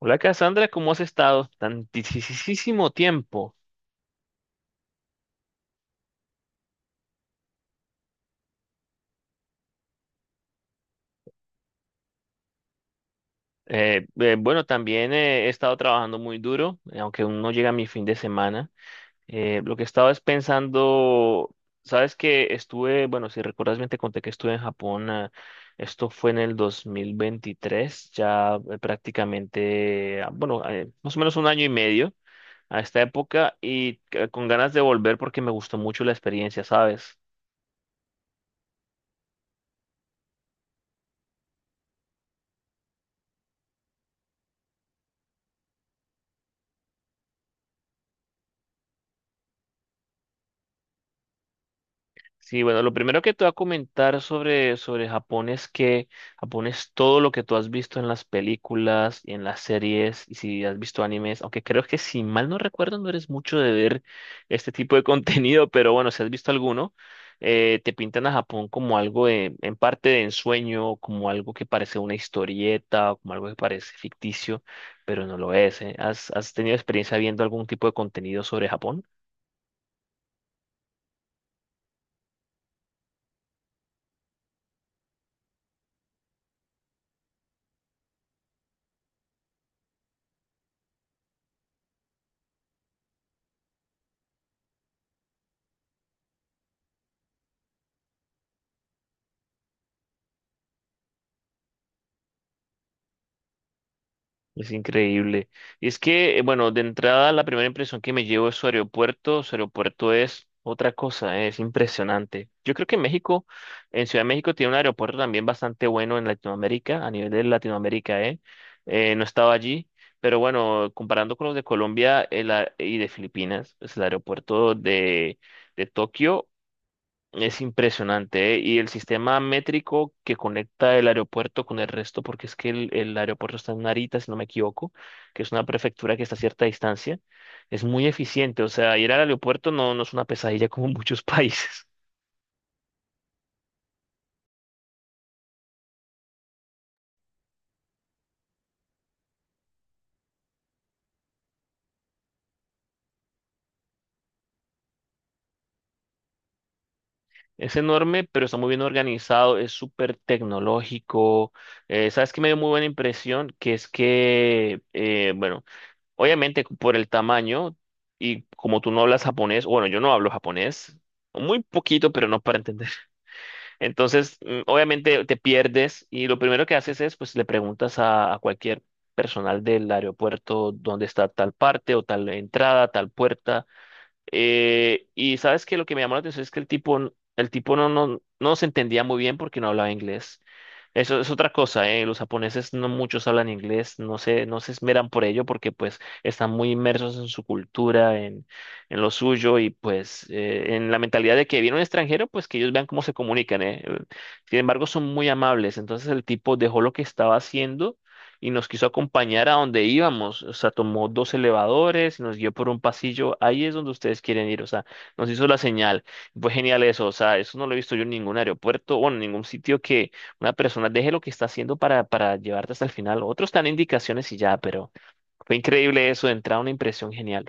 Hola Cassandra, ¿cómo has estado? Tantísimo tiempo. Bueno, también He estado trabajando muy duro, aunque aún no llega mi fin de semana. Lo que estaba es pensando, sabes que estuve, bueno, si recuerdas bien te conté que estuve en Japón, esto fue en el 2023, prácticamente, más o menos un año y medio a esta época y con ganas de volver porque me gustó mucho la experiencia, ¿sabes? Sí, bueno, lo primero que te voy a comentar sobre Japón es que Japón es todo lo que tú has visto en las películas y en las series y si has visto animes, aunque creo que si mal no recuerdo no eres mucho de ver este tipo de contenido, pero bueno, si has visto alguno, te pintan a Japón como algo de, en parte de ensueño, como algo que parece una historieta, o como algo que parece ficticio, pero no lo es, ¿eh? ¿Has tenido experiencia viendo algún tipo de contenido sobre Japón? Es increíble. Y es que, bueno, de entrada la primera impresión que me llevo es su aeropuerto. Su aeropuerto es otra cosa, es impresionante. Yo creo que México, en Ciudad de México, tiene un aeropuerto también bastante bueno en Latinoamérica, a nivel de Latinoamérica, ¿eh? No estaba allí, pero bueno, comparando con los de Colombia y de Filipinas, pues el aeropuerto de Tokio es impresionante, ¿eh? Y el sistema métrico que conecta el aeropuerto con el resto, porque es que el aeropuerto está en Narita, si no me equivoco, que es una prefectura que está a cierta distancia, es muy eficiente. O sea, ir al aeropuerto no es una pesadilla como en muchos países. Es enorme, pero está muy bien organizado, es súper tecnológico. ¿Sabes qué me dio muy buena impresión? Que es que, bueno, Obviamente por el tamaño y como tú no hablas japonés, bueno, yo no hablo japonés. Muy poquito, pero no para entender. Entonces, obviamente te pierdes y lo primero que haces es, pues le preguntas a cualquier personal del aeropuerto dónde está tal parte o tal entrada, tal puerta. Y sabes que lo que me llamó la atención es que el tipo no nos entendía muy bien porque no hablaba inglés. Eso es otra cosa, ¿eh? Los japoneses no muchos hablan inglés, no se esmeran por ello porque pues están muy inmersos en su cultura, en lo suyo y pues en la mentalidad de que viene un extranjero, pues que ellos vean cómo se comunican, ¿eh? Sin embargo, son muy amables. Entonces el tipo dejó lo que estaba haciendo y nos quiso acompañar a donde íbamos. O sea, tomó dos elevadores y nos guió por un pasillo. Ahí es donde ustedes quieren ir. O sea, nos hizo la señal. Fue genial eso. O sea, eso no lo he visto yo en ningún aeropuerto bueno en ningún sitio que una persona deje lo que está haciendo para llevarte hasta el final. Otros dan indicaciones y ya, pero fue increíble eso. De entrada, una impresión genial.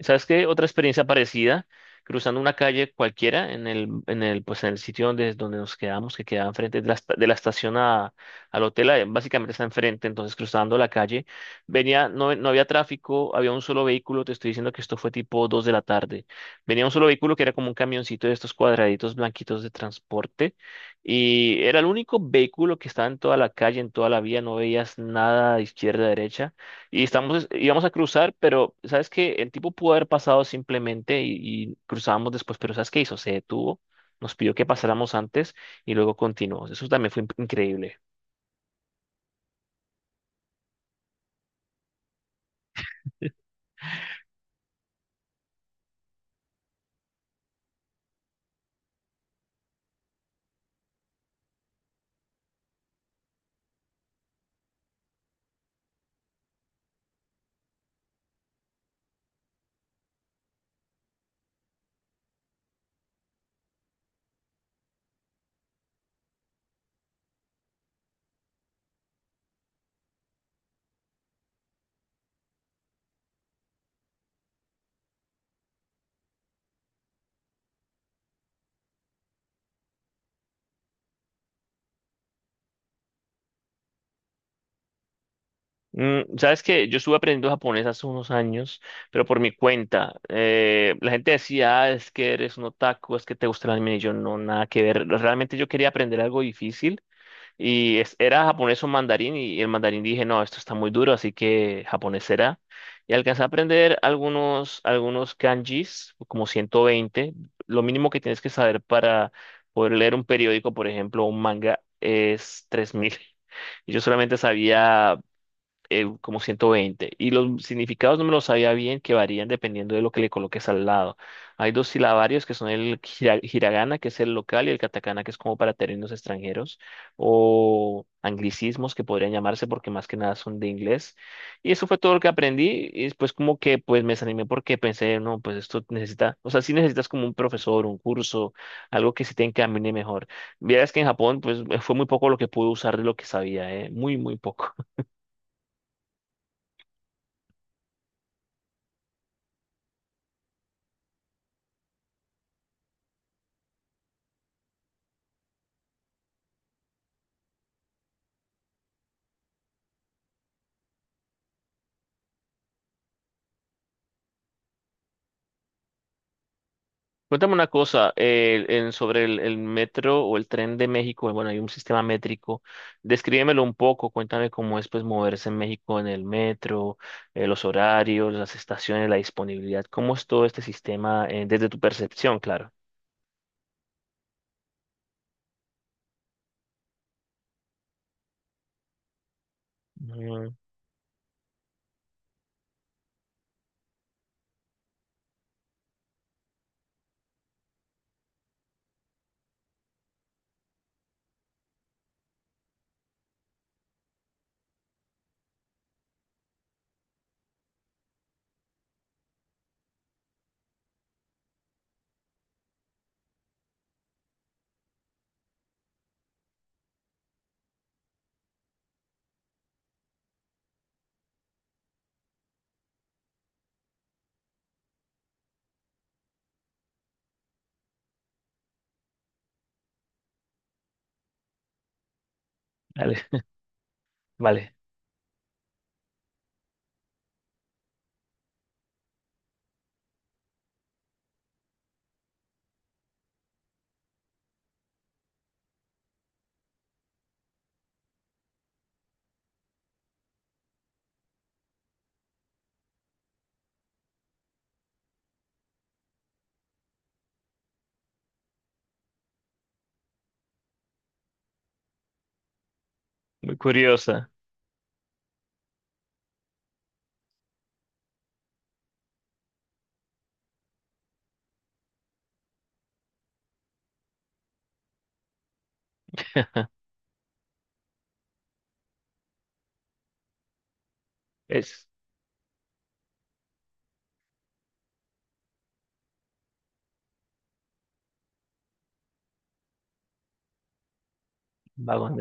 ¿Sabes qué? Otra experiencia parecida, cruzando una calle cualquiera pues en el sitio donde, donde nos quedamos, que quedaba enfrente de de la al hotel, básicamente está enfrente, entonces cruzando la calle, venía, no había tráfico, había un solo vehículo, te estoy diciendo que esto fue tipo 2 de la tarde, venía un solo vehículo que era como un camioncito de estos cuadraditos blanquitos de transporte, y era el único vehículo que estaba en toda la calle, en toda la vía, no veías nada de izquierda a derecha. Y estamos, íbamos a cruzar, pero sabes que el tipo pudo haber pasado simplemente y cruzábamos después, pero ¿sabes qué hizo? Se detuvo, nos pidió que pasáramos antes y luego continuó. Eso también fue increíble. Sabes que yo estuve aprendiendo japonés hace unos años, pero por mi cuenta. La gente decía, "Ah, es que eres un otaku, es que te gusta el anime. Y yo no, nada que ver. Realmente yo quería aprender algo difícil era japonés o mandarín y el mandarín dije, no, esto está muy duro, así que japonés será. Y alcancé a aprender algunos kanjis, como 120. Lo mínimo que tienes que saber para poder leer un periódico, por ejemplo, un manga, es 3000. Y yo solamente sabía como 120. Y los significados no me los sabía bien, que varían dependiendo de lo que le coloques al lado. Hay dos silabarios que son el hiragana, que es el local, y el katakana, que es como para términos extranjeros, o anglicismos que podrían llamarse porque más que nada son de inglés. Y eso fue todo lo que aprendí. Y después como que pues me desanimé porque pensé, no, pues esto necesita, o sea, sí necesitas como un profesor, un curso, algo que se te encamine mejor. Vieras que en Japón pues fue muy poco lo que pude usar de lo que sabía, muy, muy poco. Cuéntame una cosa, sobre el metro o el tren de México, bueno, hay un sistema métrico, descríbemelo un poco, cuéntame cómo es pues moverse en México en el metro, los horarios, las estaciones, la disponibilidad, cómo es todo este sistema desde tu percepción, claro. Mm, vale, vale, muy curiosa, es vagón.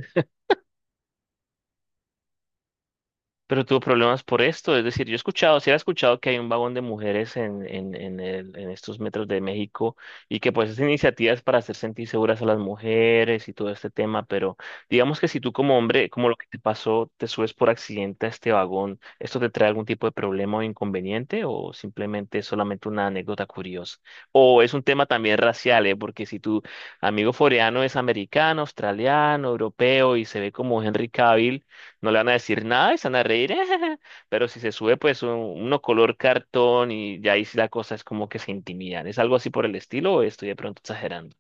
Pero tuvo problemas por esto, es decir, yo he escuchado, sí he escuchado que hay un vagón de mujeres en estos metros de México y que pues es iniciativas para hacer sentir seguras a las mujeres y todo este tema, pero digamos que si tú como hombre, como lo que te pasó, te subes por accidente a este vagón, ¿esto te trae algún tipo de problema o inconveniente o simplemente es solamente una anécdota curiosa? ¿O es un tema también racial, eh? Porque si tu amigo foreano es americano, australiano, europeo y se ve como Henry Cavill, no le van a decir nada y se van a reír. Pero si se sube, pues uno color cartón y ya ahí sí la cosa es como que se intimidan. ¿Es algo así por el estilo o estoy de pronto exagerando?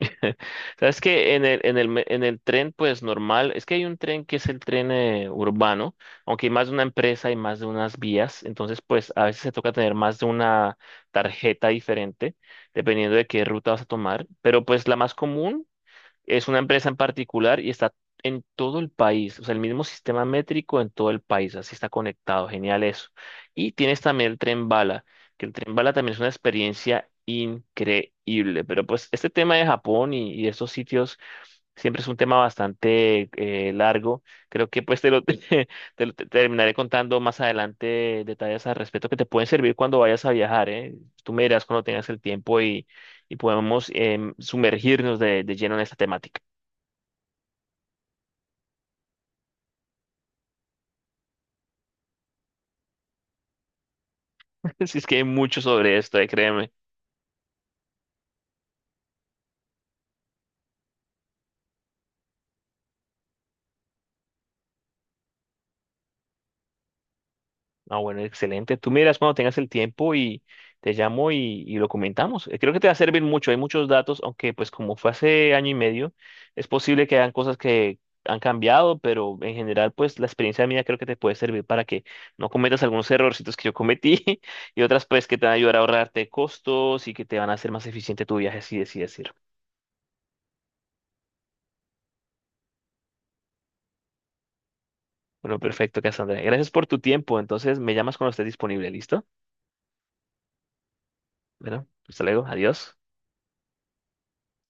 Sabes que en el tren, pues normal, es que hay un tren que es el tren urbano, aunque hay más de una empresa y más de unas vías, entonces pues a veces se toca tener más de una tarjeta diferente, dependiendo de qué ruta vas a tomar, pero pues la más común. Es una empresa en particular y está en todo el país, o sea, el mismo sistema métrico en todo el país, así está conectado, genial eso. Y tienes también el tren bala, que el tren bala también es una experiencia increíble, pero pues este tema de Japón y estos sitios siempre es un tema bastante largo, creo que pues te lo, te terminaré contando más adelante detalles al respecto que te pueden servir cuando vayas a viajar, ¿eh? Tú me dirás cuando tengas el tiempo y podemos sumergirnos de lleno en esta temática. Si es que hay mucho sobre esto, créeme. Ah, bueno, excelente. Tú miras cuando tengas el tiempo y te llamo y lo comentamos. Creo que te va a servir mucho. Hay muchos datos, aunque pues como fue hace año y medio, es posible que hayan cosas que han cambiado, pero en general pues la experiencia mía creo que te puede servir para que no cometas algunos errorcitos que yo cometí y otras pues que te van a ayudar a ahorrarte costos y que te van a hacer más eficiente tu viaje, así decir. Bueno, perfecto, Cassandra. Gracias por tu tiempo. Entonces, me llamas cuando estés disponible. ¿Listo? Bueno, hasta luego. Adiós.